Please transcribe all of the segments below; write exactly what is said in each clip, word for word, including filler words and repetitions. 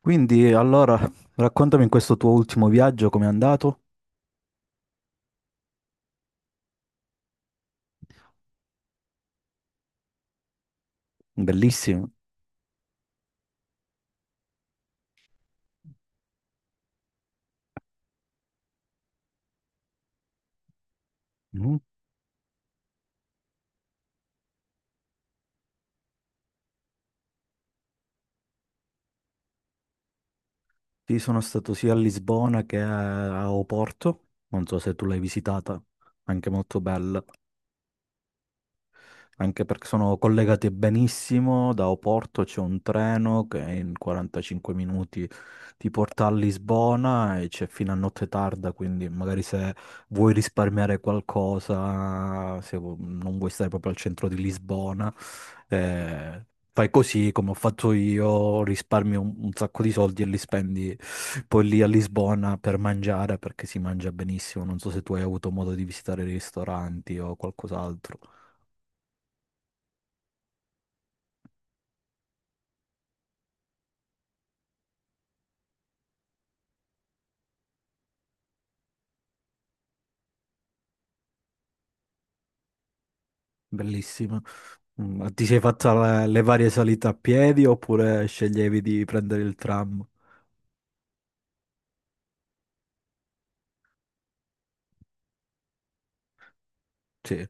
Quindi, allora, raccontami in questo tuo ultimo viaggio com'è andato? Bellissimo. Mhm. Sì, sono stato sia a Lisbona che a a Oporto, non so se tu l'hai visitata, anche molto bella. Anche perché sono collegate benissimo, da Oporto c'è un treno che in quarantacinque minuti ti porta a Lisbona e c'è fino a notte tarda, quindi magari se vuoi risparmiare qualcosa, se vu- non vuoi stare proprio al centro di Lisbona, eh, fai così come ho fatto io, risparmi un, un sacco di soldi e li spendi poi lì a Lisbona per mangiare perché si mangia benissimo. Non so se tu hai avuto modo di visitare i ristoranti o qualcos'altro. Bellissima. Mm, ma ti sei fatta la- le varie salite a piedi oppure sceglievi di prendere il tram? Sì.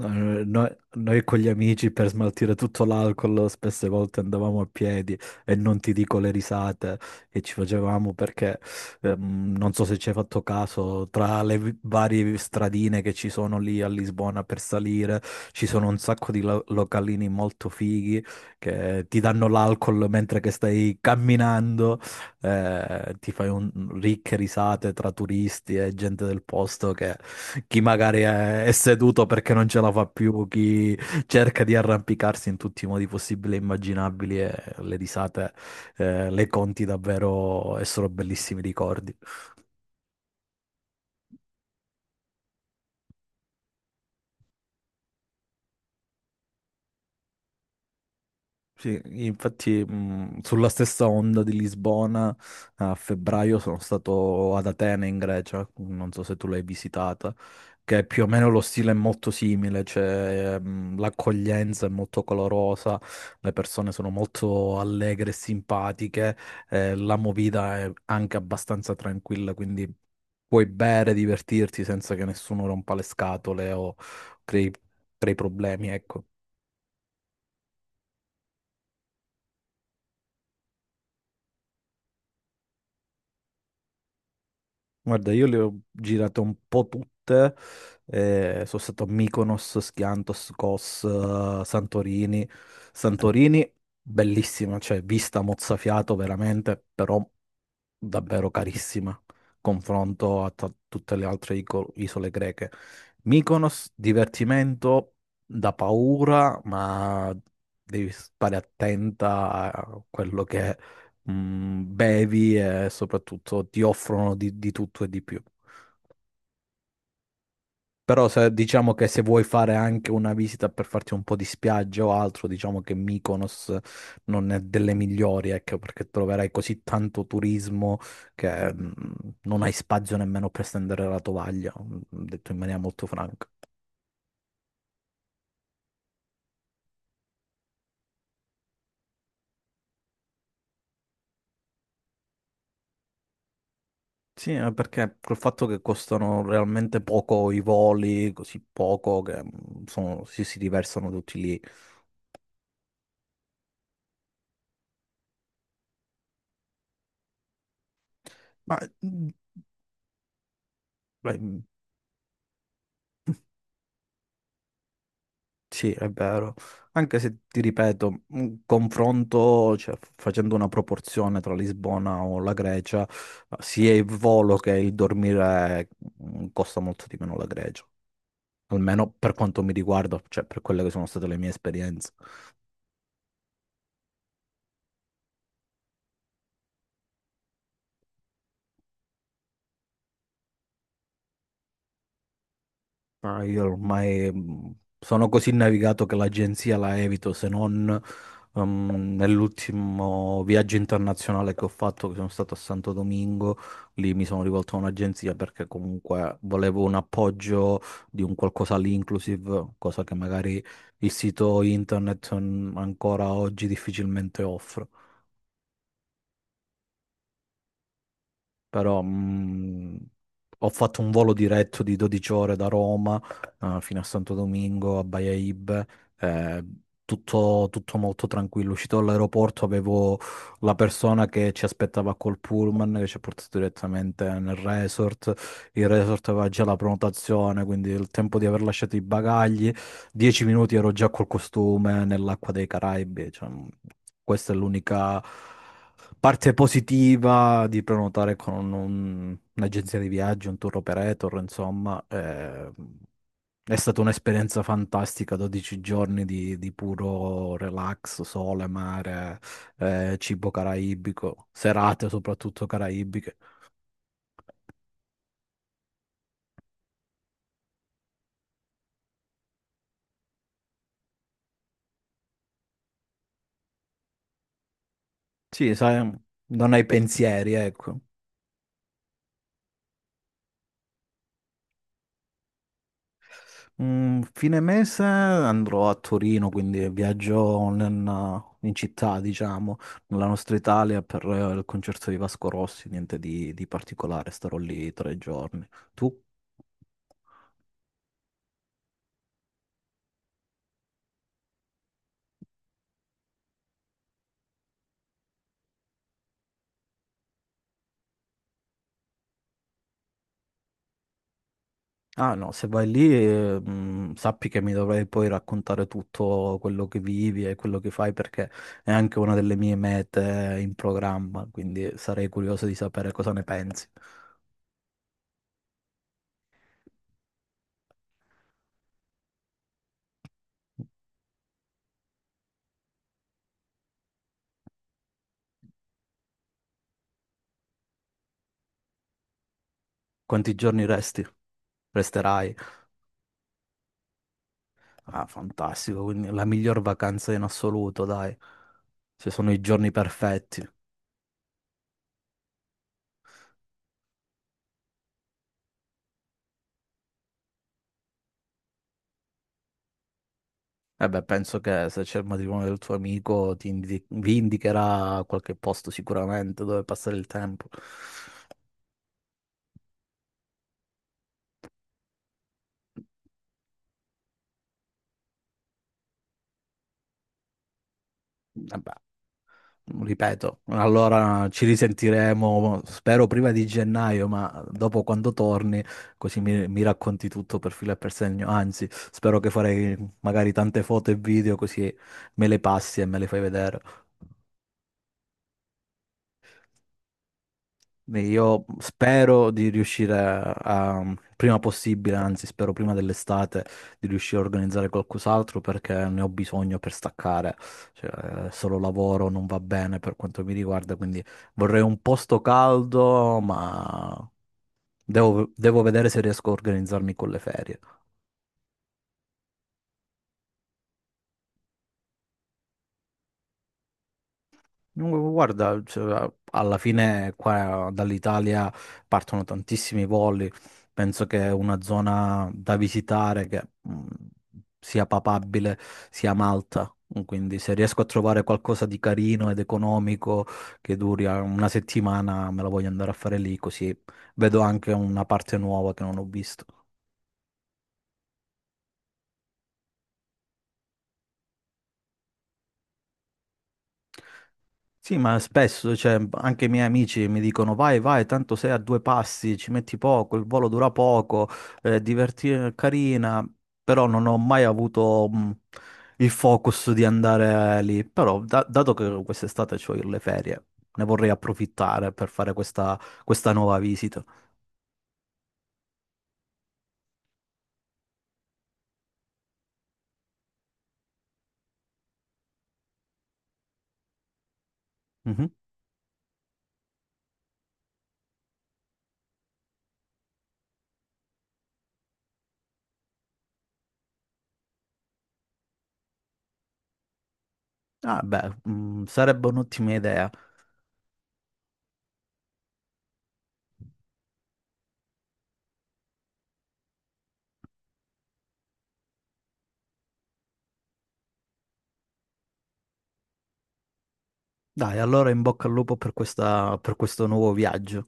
No, no, Noi, noi con gli amici per smaltire tutto l'alcol spesse volte andavamo a piedi e non ti dico le risate che ci facevamo perché ehm, non so se ci hai fatto caso, tra le vi- varie stradine che ci sono lì a Lisbona per salire ci sono un sacco di lo- localini molto fighi che ti danno l'alcol mentre che stai camminando. Eh, ti fai un, ricche risate tra turisti e gente del posto, che chi magari è, è seduto perché non ce la fa più, chi cerca di arrampicarsi in tutti i modi possibili e immaginabili, e le risate, eh, le conti davvero, e sono bellissimi ricordi. Sì, infatti, mh, sulla stessa onda di Lisbona, a febbraio sono stato ad Atene in Grecia, non so se tu l'hai visitata, che più o meno lo stile è molto simile, cioè mh, l'accoglienza è molto colorosa, le persone sono molto allegre e simpatiche, eh, la movida è anche abbastanza tranquilla, quindi puoi bere, divertirti senza che nessuno rompa le scatole o crei, crei, problemi, ecco. Guarda, io le ho girate un po' tutte, eh, sono stato a Mykonos, Skiathos, Kos, eh, Santorini. Santorini, bellissima, cioè vista mozzafiato veramente, però davvero carissima, confronto a ta- tutte le altre ico- isole greche. Mykonos, divertimento da paura, ma devi stare attenta a quello che mm, bevi, e soprattutto ti offrono di, di tutto e di più. Però se, diciamo che se vuoi fare anche una visita per farti un po' di spiaggia o altro, diciamo che Mykonos non è delle migliori, ecco, perché troverai così tanto turismo che mm, non hai spazio nemmeno per stendere la tovaglia, mm, detto in maniera molto franca. Sì, eh, perché col fatto che costano realmente poco i voli, così poco, che mm, sono- si, si riversano tutti lì. Ma mm, beh. Sì, è vero. Anche se ti ripeto, un confronto, cioè, f- facendo una proporzione tra Lisbona o la Grecia, sia il volo che il dormire mm, costa molto di meno la Grecia, almeno per quanto mi riguarda, cioè per quelle che sono state le mie esperienze. Ma io ormai, mh, sono così navigato che l'agenzia la evito, se non ehm, nell'ultimo viaggio internazionale che ho fatto, che sono stato a Santo Domingo, lì mi sono rivolto a un'agenzia perché comunque volevo un appoggio di un qualcosa lì inclusive, cosa che magari il sito internet, mm, ancora oggi difficilmente offre. Però mh, ho fatto un volo diretto di dodici ore da Roma, eh, fino a Santo Domingo, a Baia Ibe. eh, tutto, tutto molto tranquillo. Uscito dall'aeroporto avevo la persona che ci aspettava col pullman, che ci ha portato direttamente nel resort, il resort aveva già la prenotazione, quindi il tempo di aver lasciato i bagagli, dieci minuti ero già col costume nell'acqua dei Caraibi, cioè, mh, questa è l'unica parte positiva di prenotare con un- un'agenzia di viaggio, un tour operator, insomma. eh, è stata un'esperienza fantastica, dodici giorni di, di puro relax, sole, mare, eh, cibo caraibico, serate soprattutto caraibiche. Sì, sai, non hai pensieri, ecco. Mm, fine mese andrò a Torino, quindi viaggio in, in città, diciamo, nella nostra Italia per eh, il concerto di Vasco Rossi, niente di, di particolare, starò lì tre giorni. Tu? Ah no, se vai lì, eh, mm, sappi che mi dovrai poi raccontare tutto quello che vivi e quello che fai, perché è anche una delle mie mete in programma, quindi sarei curioso di sapere cosa ne pensi. Quanti giorni resti? Resterai? Ah, fantastico, quindi la miglior vacanza in assoluto, dai. Se sono i giorni perfetti. Eh beh, penso che se c'è il matrimonio del tuo amico, ti indi- vi indicherà qualche posto sicuramente dove passare il tempo. Eh beh, ripeto, allora ci risentiremo, spero prima di gennaio, ma dopo quando torni, così mi, mi racconti tutto per filo e per segno. Anzi, spero che farei magari tante foto e video, così me le passi e me le fai vedere. Beh, io spero di riuscire a, a- prima possibile, anzi spero prima dell'estate, di riuscire a organizzare qualcos'altro perché ne ho bisogno per staccare. Cioè, eh, solo lavoro non va bene per quanto mi riguarda, quindi vorrei un posto caldo, ma devo, devo vedere se riesco a organizzarmi con le ferie. Dunque, guarda, cioè, alla fine qua dall'Italia partono tantissimi voli, penso che è una zona da visitare, che mh, sia papabile sia Malta, quindi se riesco a trovare qualcosa di carino ed economico che duri eh, una settimana, me la voglio andare a fare lì, così vedo anche una parte nuova che non ho visto. Sì, ma spesso, cioè, anche i miei amici mi dicono vai, vai, tanto sei a due passi, ci metti poco, il volo dura poco, è carina, però non ho mai avuto mh, il focus di andare lì. Però, da- dato che quest'estate ho le ferie, ne vorrei approfittare per fare questa, questa, nuova visita. Mhm. Ah, beh, mh, sarebbe un'ottima idea. Dai, allora in bocca al lupo per questa- per questo nuovo viaggio.